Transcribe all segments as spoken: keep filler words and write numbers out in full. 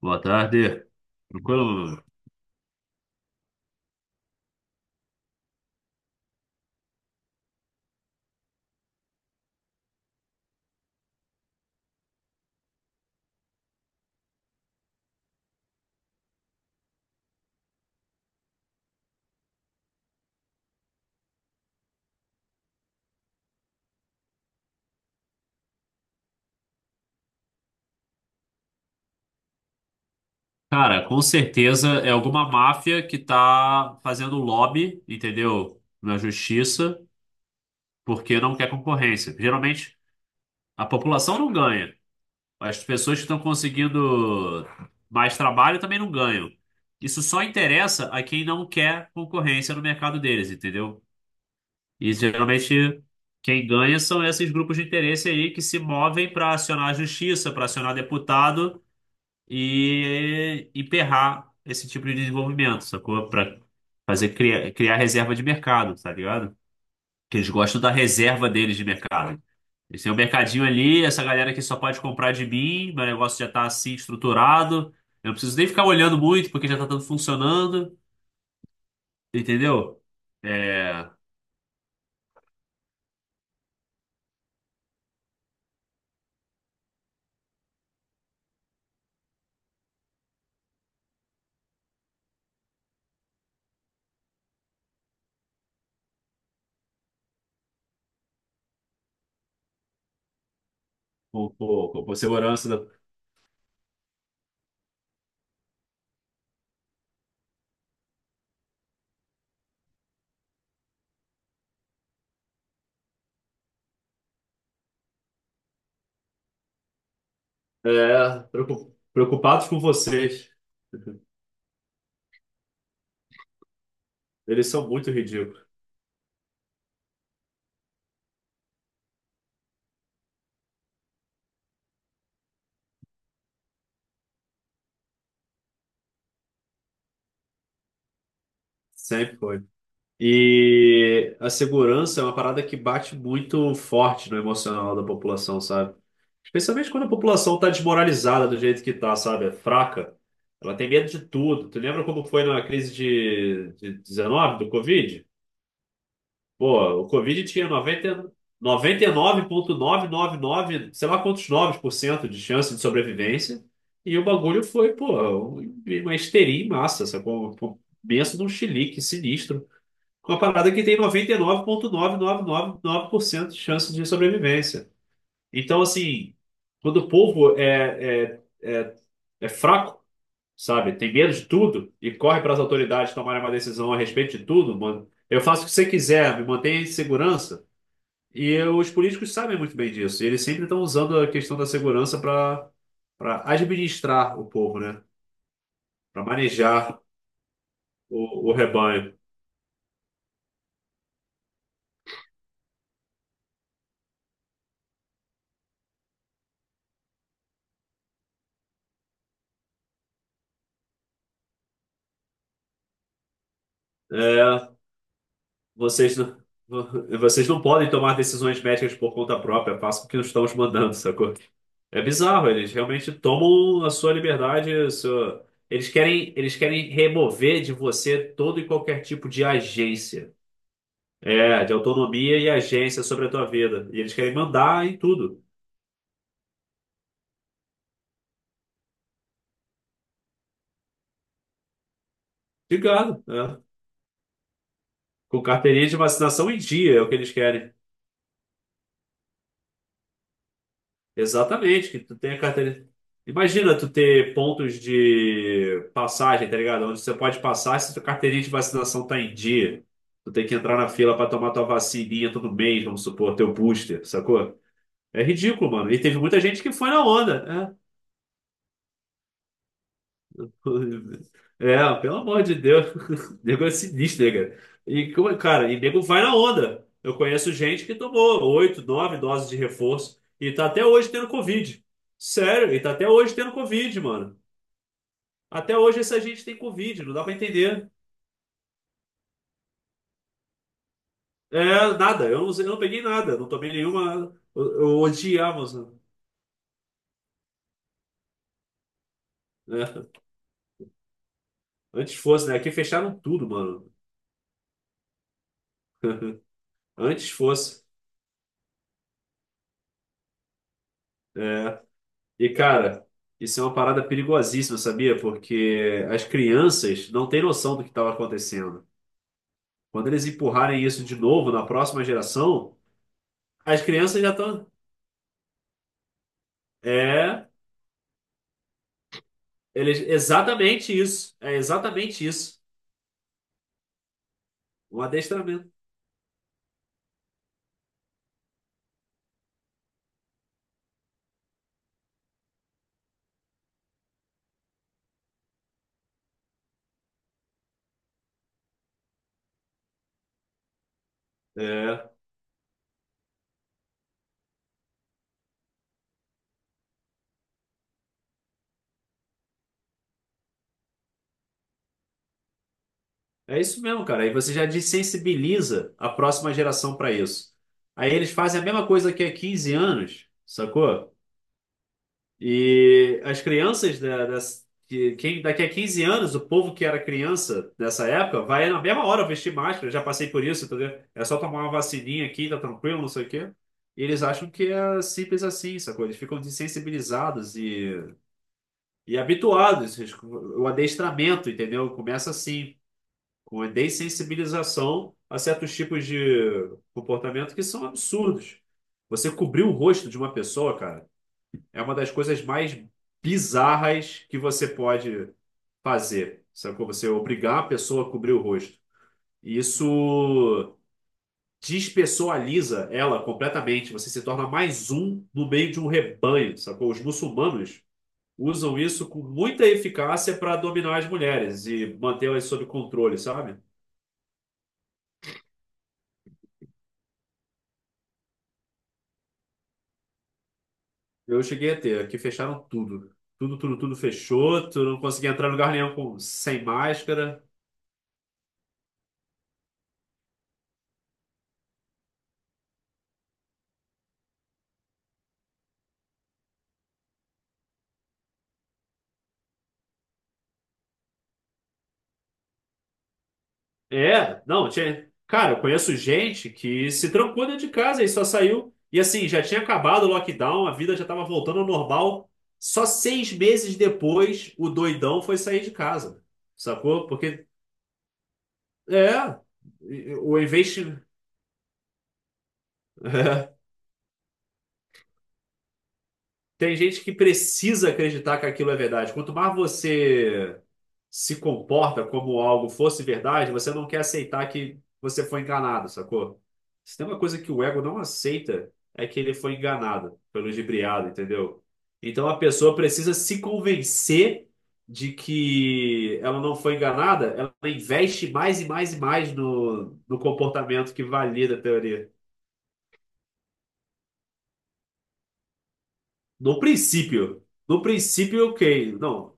Boa tarde. Tranquilo? Cara, com certeza é alguma máfia que tá fazendo lobby, entendeu? Na justiça, porque não quer concorrência. Geralmente a população não ganha. As pessoas que estão conseguindo mais trabalho também não ganham. Isso só interessa a quem não quer concorrência no mercado deles, entendeu? E geralmente quem ganha são esses grupos de interesse aí que se movem para acionar a justiça, para acionar deputado e emperrar esse tipo de desenvolvimento, sacou? Para fazer criar, criar reserva de mercado, tá ligado? Que eles gostam da reserva deles de mercado. Eles têm um mercadinho ali, essa galera que só pode comprar de mim, meu negócio já tá assim estruturado, eu não preciso nem ficar olhando muito porque já tá tudo funcionando, entendeu? É, com, com, com- com segurança, né? É, preocu- preocupados com vocês. Eles são muito ridículos. Sempre foi. E a segurança é uma parada que bate muito forte no emocional da população, sabe? Especialmente quando a população tá desmoralizada do jeito que tá, sabe? É fraca. Ela tem medo de tudo. Tu lembra como foi na crise de, de dezenove do Covid? Pô, o Covid tinha noventa, nove sei lá quantos nove por cento de chance de sobrevivência. E o bagulho foi, pô, um- uma histeria em massa, sacou? Um penso num chilique sinistro. Uma parada que tem noventa e nove vírgula novecentos e noventa e nove por cento de chance de sobrevivência. Então, assim, quando o povo é, é, é, é fraco, sabe? Tem medo de tudo e corre para as autoridades tomarem uma decisão a respeito de tudo, mano. Eu faço o que você quiser, me mantenha em segurança. E eu- os políticos sabem muito bem disso. E eles sempre estão usando a questão da segurança para para administrar o povo, né? Para manejar o, o rebanho. É. Vocês não, vo- vocês não podem tomar decisões médicas por conta própria, façam o que estão os mandando, sacou? É bizarro, eles realmente tomam a sua liberdade, a sua- eles querem, eles querem remover de você todo e qualquer tipo de agência, é, de autonomia e agência sobre a tua vida. E eles querem mandar em tudo, ligado, né? Com carteirinha de vacinação em dia, é o que eles querem. Exatamente, que tu tem a carteira. Imagina tu ter pontos de passagem, tá ligado? Onde você pode passar se tua carteirinha de vacinação tá em dia. Tu tem que entrar na fila pra tomar tua vacininha todo mês, vamos supor, teu booster, sacou? É ridículo, mano. E teve muita gente que foi na onda, né? É, pelo amor de Deus. Nego é sinistro, né, cara? E, como é- cara, e nego vai na onda. Eu conheço gente que tomou oito, nove doses de reforço e tá até hoje tendo Covid. Sério, e tá até hoje tendo Covid, mano. Até hoje essa gente tem Covid, não dá pra entender. É, nada, eu não, eu não peguei nada, não tomei nenhuma. Eu, eu odiava, mano. É, antes fosse, né? Aqui fecharam tudo, mano. Antes fosse. É. E, cara, isso é uma parada perigosíssima, sabia? Porque as crianças não têm noção do que estava acontecendo. Quando eles empurrarem isso de novo na próxima geração, as crianças já estão. É, eles... exatamente isso. É exatamente isso. Um adestramento. É, é isso mesmo, cara. Aí você já desensibiliza a próxima geração para isso. Aí eles fazem a mesma coisa que há quinze anos, sacou? E as crianças da, das- que, quem, daqui a quinze anos, o povo que era criança nessa época, vai na mesma hora vestir máscara. Eu já passei por isso, entendeu? É só tomar uma vacininha aqui, tá tranquilo, não sei o quê. E eles acham que é simples assim, sacou? Eles ficam desensibilizados e, e habituados. eles- O adestramento, entendeu? Começa assim, com a dessensibilização a certos tipos de comportamento que são absurdos. Você cobrir o rosto de uma pessoa, cara. É uma das coisas mais bizarras que você pode fazer. Sacou? Você obrigar a pessoa a cobrir o rosto. E isso despessoaliza ela completamente. Você se torna mais um no meio de um rebanho, sacou? Os muçulmanos usam isso com muita eficácia para dominar as mulheres e mantê-las sob controle, sabe? Eu cheguei a ter, aqui fecharam tudo. Tudo, tudo, tudo fechou. Tu não conseguia entrar em lugar nenhum com, sem máscara. É, não, tinha. Cara, eu conheço gente que se trancou dentro de casa e só saiu. E assim, já tinha acabado o lockdown, a vida já estava voltando ao normal. Só seis meses depois, o doidão foi sair de casa. Sacou? Porque, é, o investimento. Tem gente que precisa acreditar que aquilo é verdade. Quanto mais você se comporta como algo fosse verdade, você não quer aceitar que você foi enganado, sacou? Se tem uma coisa que o ego não aceita, é que ele foi enganado, foi ludibriado, entendeu? Então a pessoa precisa se convencer de que ela não foi enganada, ela investe mais e mais e mais no, no comportamento que valida a teoria. No princípio. No princípio, ok. Não,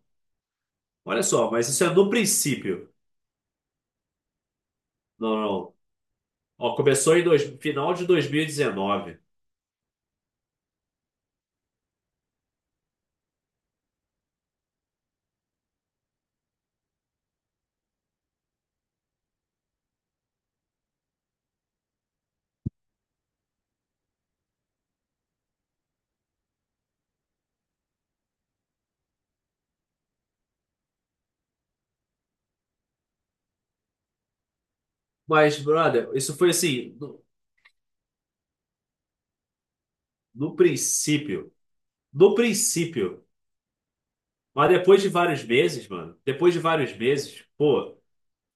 olha só, mas isso é no princípio. Não, não. Ó, começou em dois, final de dois mil e dezenove. Mas, brother, isso foi assim, no, no princípio. No princípio. Mas depois de vários meses, mano, depois de vários meses, pô,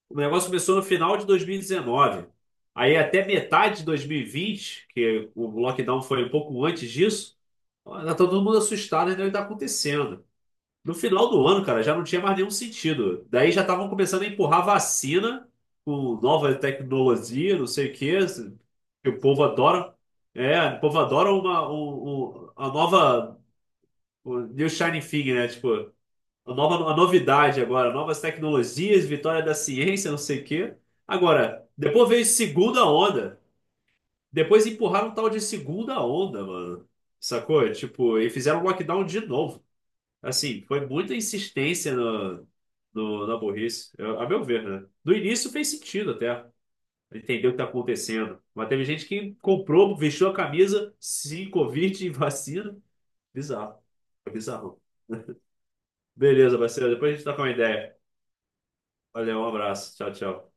o negócio começou no final de dois mil e dezenove. Aí até metade de dois mil e vinte, que o lockdown foi um pouco antes disso, ó, tá todo mundo assustado, né? O que tá acontecendo? No final do ano, cara, já não tinha mais nenhum sentido. Daí já estavam começando a empurrar vacina com nova tecnologia, não sei o quê, que o povo adora. É, o povo adora uma, um- um- a nova, o New Shining Thing, né? Tipo, a nova a novidade agora, novas tecnologias, vitória da ciência, não sei o quê. Agora, depois veio segunda onda. Depois empurraram um tal de segunda onda, mano. Sacou? Tipo, e fizeram lockdown de novo. Assim, foi muita insistência no, no, na burrice, eu- a meu ver, né? No início fez sentido até entender o que tá acontecendo. Mas teve gente que comprou, vestiu a camisa, se Covid e vacina. Bizarro. É bizarro. Beleza, parceiro. Depois a gente tá com uma ideia. Valeu, um abraço. Tchau, tchau.